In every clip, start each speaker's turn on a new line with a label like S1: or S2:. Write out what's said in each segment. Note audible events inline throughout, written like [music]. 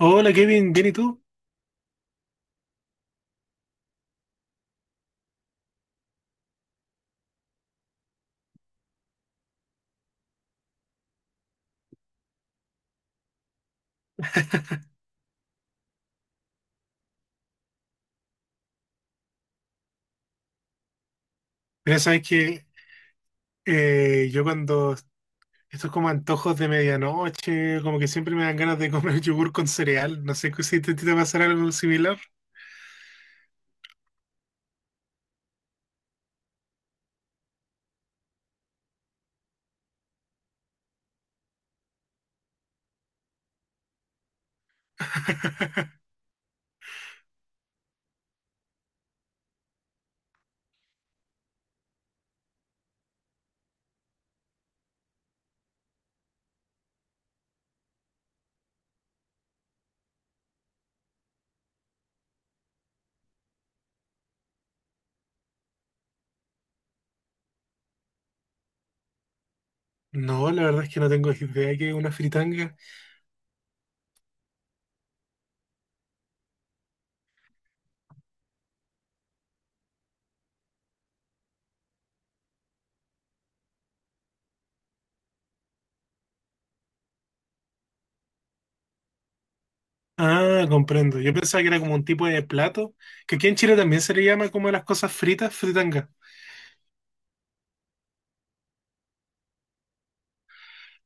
S1: Hola Kevin, ¿bien y tú? Pero sabes que yo cuando estos como antojos de medianoche, como que siempre me dan ganas de comer [laughs] yogur con cereal. No sé si te pasará algo similar. [laughs] No, la verdad es que no tengo idea que es una fritanga. Ah, comprendo. Yo pensaba que era como un tipo de plato, que aquí en Chile también se le llama como las cosas fritas, fritanga.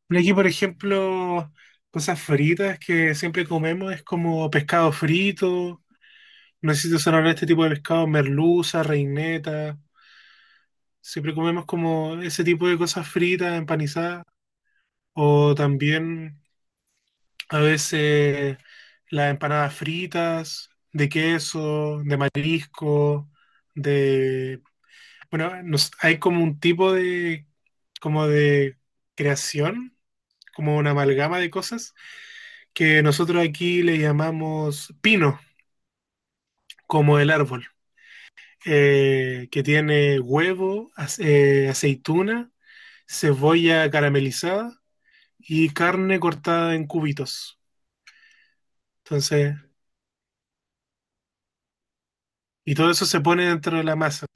S1: Pero aquí, por ejemplo, cosas fritas que siempre comemos es como pescado frito. No sé si te suena hablar de este tipo de pescado, merluza, reineta. Siempre comemos como ese tipo de cosas fritas, empanizadas. O también a veces las empanadas fritas, de queso, de marisco, de. Bueno, hay como un tipo de, como de creación, como una amalgama de cosas, que nosotros aquí le llamamos pino, como el árbol, que tiene huevo, aceituna, cebolla caramelizada y carne cortada en cubitos. Entonces, y todo eso se pone dentro de la masa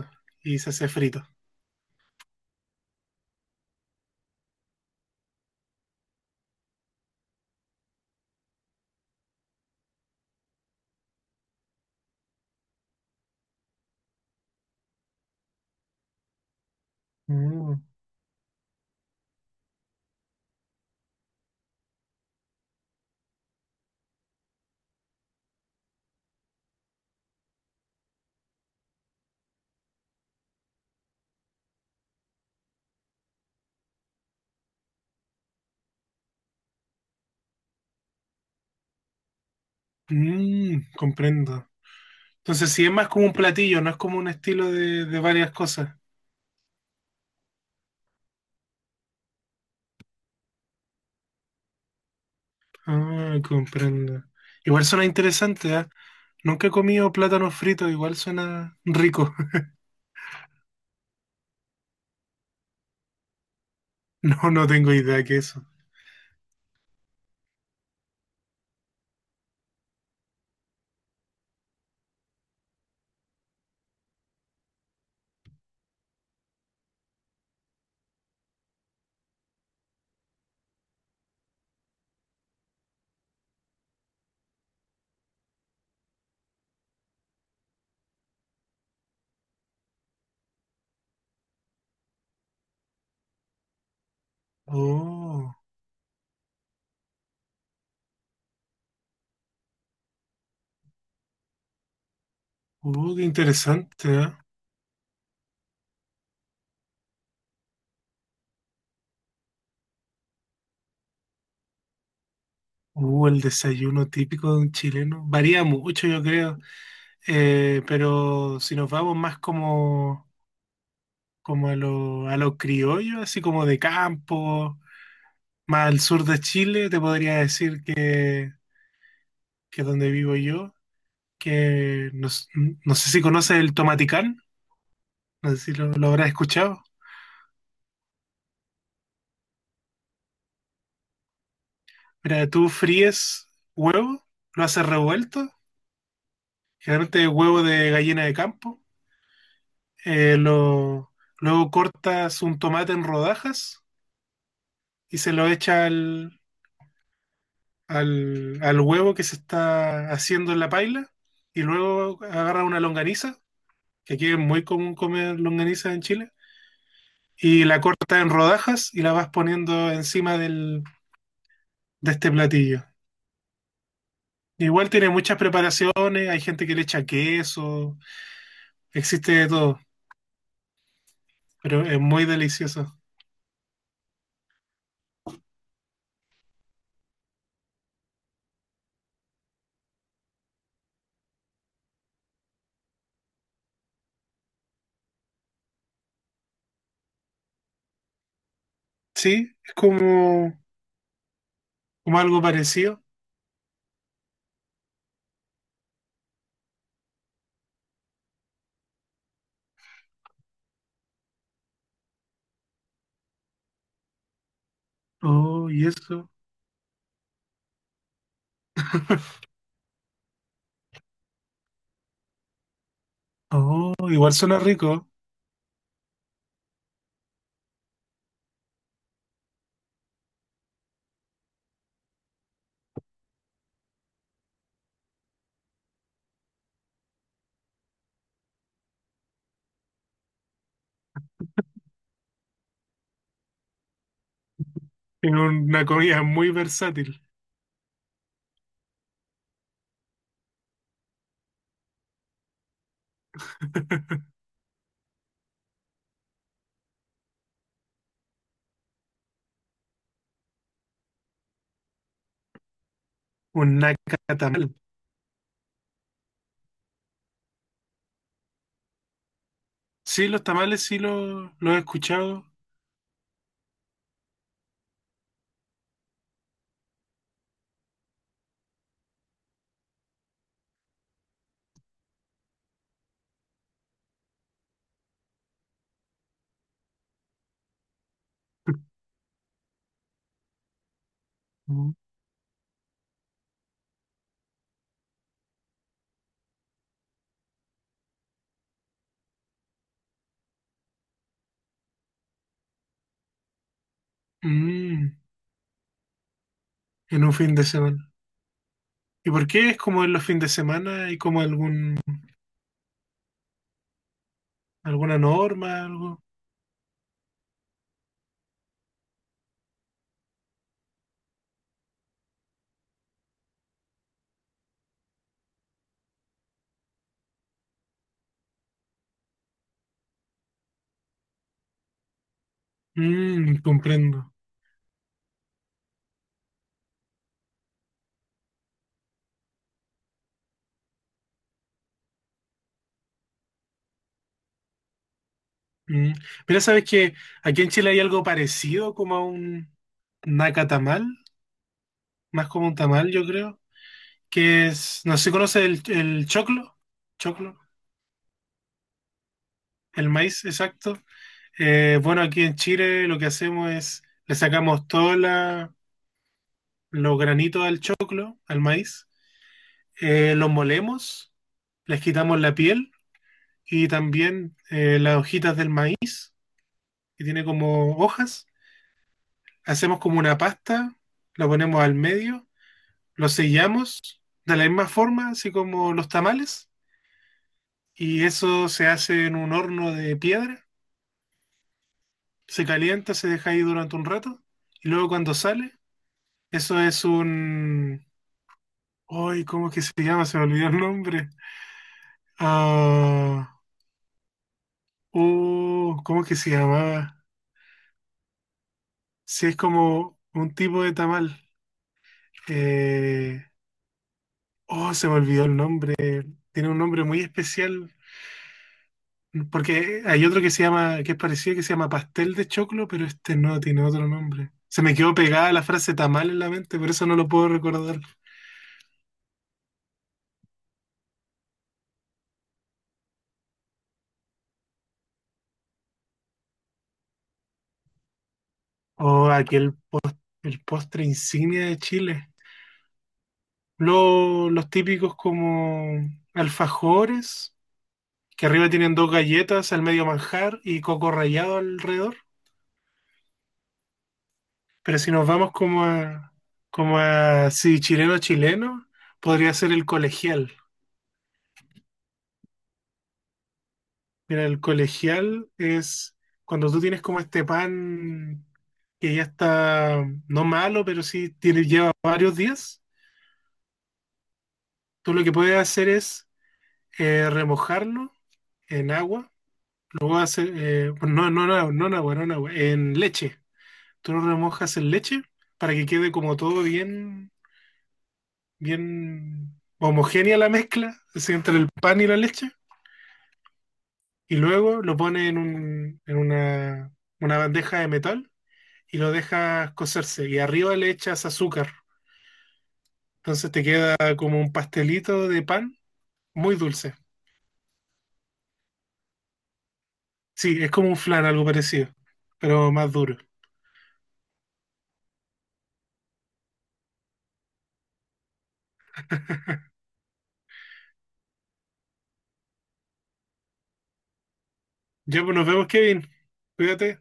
S1: y se hace frito. Mm. Mm, comprendo. Entonces, sí es más como un platillo, no es como un estilo de varias cosas. Ah, comprendo. Igual suena interesante, ¿ah? Nunca he comido plátanos fritos, igual suena rico. [laughs] No, no tengo idea que eso. Oh, qué interesante, ¿ah? El desayuno típico de un chileno. Varía mucho, yo creo. Pero si nos vamos más como, como a lo criollo, así como de campo, más al sur de Chile, te podría decir que donde vivo yo, que no, no sé si conoces el tomaticán. No sé si lo habrás escuchado. Mira, tú fríes huevo, lo haces revuelto, generalmente huevo de gallina de campo. eh, lo, Luego cortas un tomate en rodajas y se lo echa al huevo que se está haciendo en la paila. Y luego agarra una longaniza, que aquí es muy común comer longaniza en Chile, y la cortas en rodajas y la vas poniendo encima del, de este platillo. Igual tiene muchas preparaciones, hay gente que le echa queso, existe de todo, pero es muy delicioso. Sí, es como, como algo parecido. Oh, y eso. [laughs] Oh, igual suena rico. Es una comida muy versátil. Un nacatamal. Sí, los tamales sí los he escuchado. [laughs] Mm, en un fin de semana. ¿Y por qué es como en los fines de semana? ¿Hay como algún, alguna norma, algo? Mm, comprendo. Mm. Mira, sabes que aquí en Chile hay algo parecido como a un nacatamal, más como un tamal, yo creo, que es, no sé si conoces el choclo, choclo, el maíz, exacto. Bueno, aquí en Chile lo que hacemos es, le sacamos todos los granitos al choclo, al maíz, los molemos, les quitamos la piel y también las hojitas del maíz, que tiene como hojas, hacemos como una pasta, la ponemos al medio, lo sellamos de la misma forma, así como los tamales, y eso se hace en un horno de piedra, se calienta, se deja ahí durante un rato, y luego cuando sale, eso es un... ¡Ay, cómo es que se llama! Se me olvidó el nombre. Ah, ¿cómo es que se llamaba? Si es como un tipo de tamal. Eh, oh, se me olvidó el nombre. Tiene un nombre muy especial. Porque hay otro que se llama, que es parecido, que se llama pastel de choclo, pero este no tiene otro nombre. Se me quedó pegada la frase tamal en la mente, por eso no lo puedo recordar. O aquel, el postre insignia de Chile. Los típicos como alfajores, que arriba tienen dos galletas, al medio manjar y coco rallado alrededor. Pero si nos vamos sí, chileno chileno, podría ser el colegial. Mira, el colegial es cuando tú tienes como este pan que ya está no malo, pero sí tiene, lleva varios días. Tú lo que puedes hacer es remojarlo en agua, luego hacer, bueno, no, no, no, no en agua, no en agua, en leche. Tú lo remojas en leche para que quede como todo bien, bien homogénea la mezcla así, entre el pan y la leche. Y luego lo pones en un, en una bandeja de metal y lo dejas cocerse y arriba le echas azúcar. Entonces te queda como un pastelito de pan muy dulce. Sí, es como un flan, algo parecido, pero más duro. Ya pues nos vemos, Kevin. Cuídate.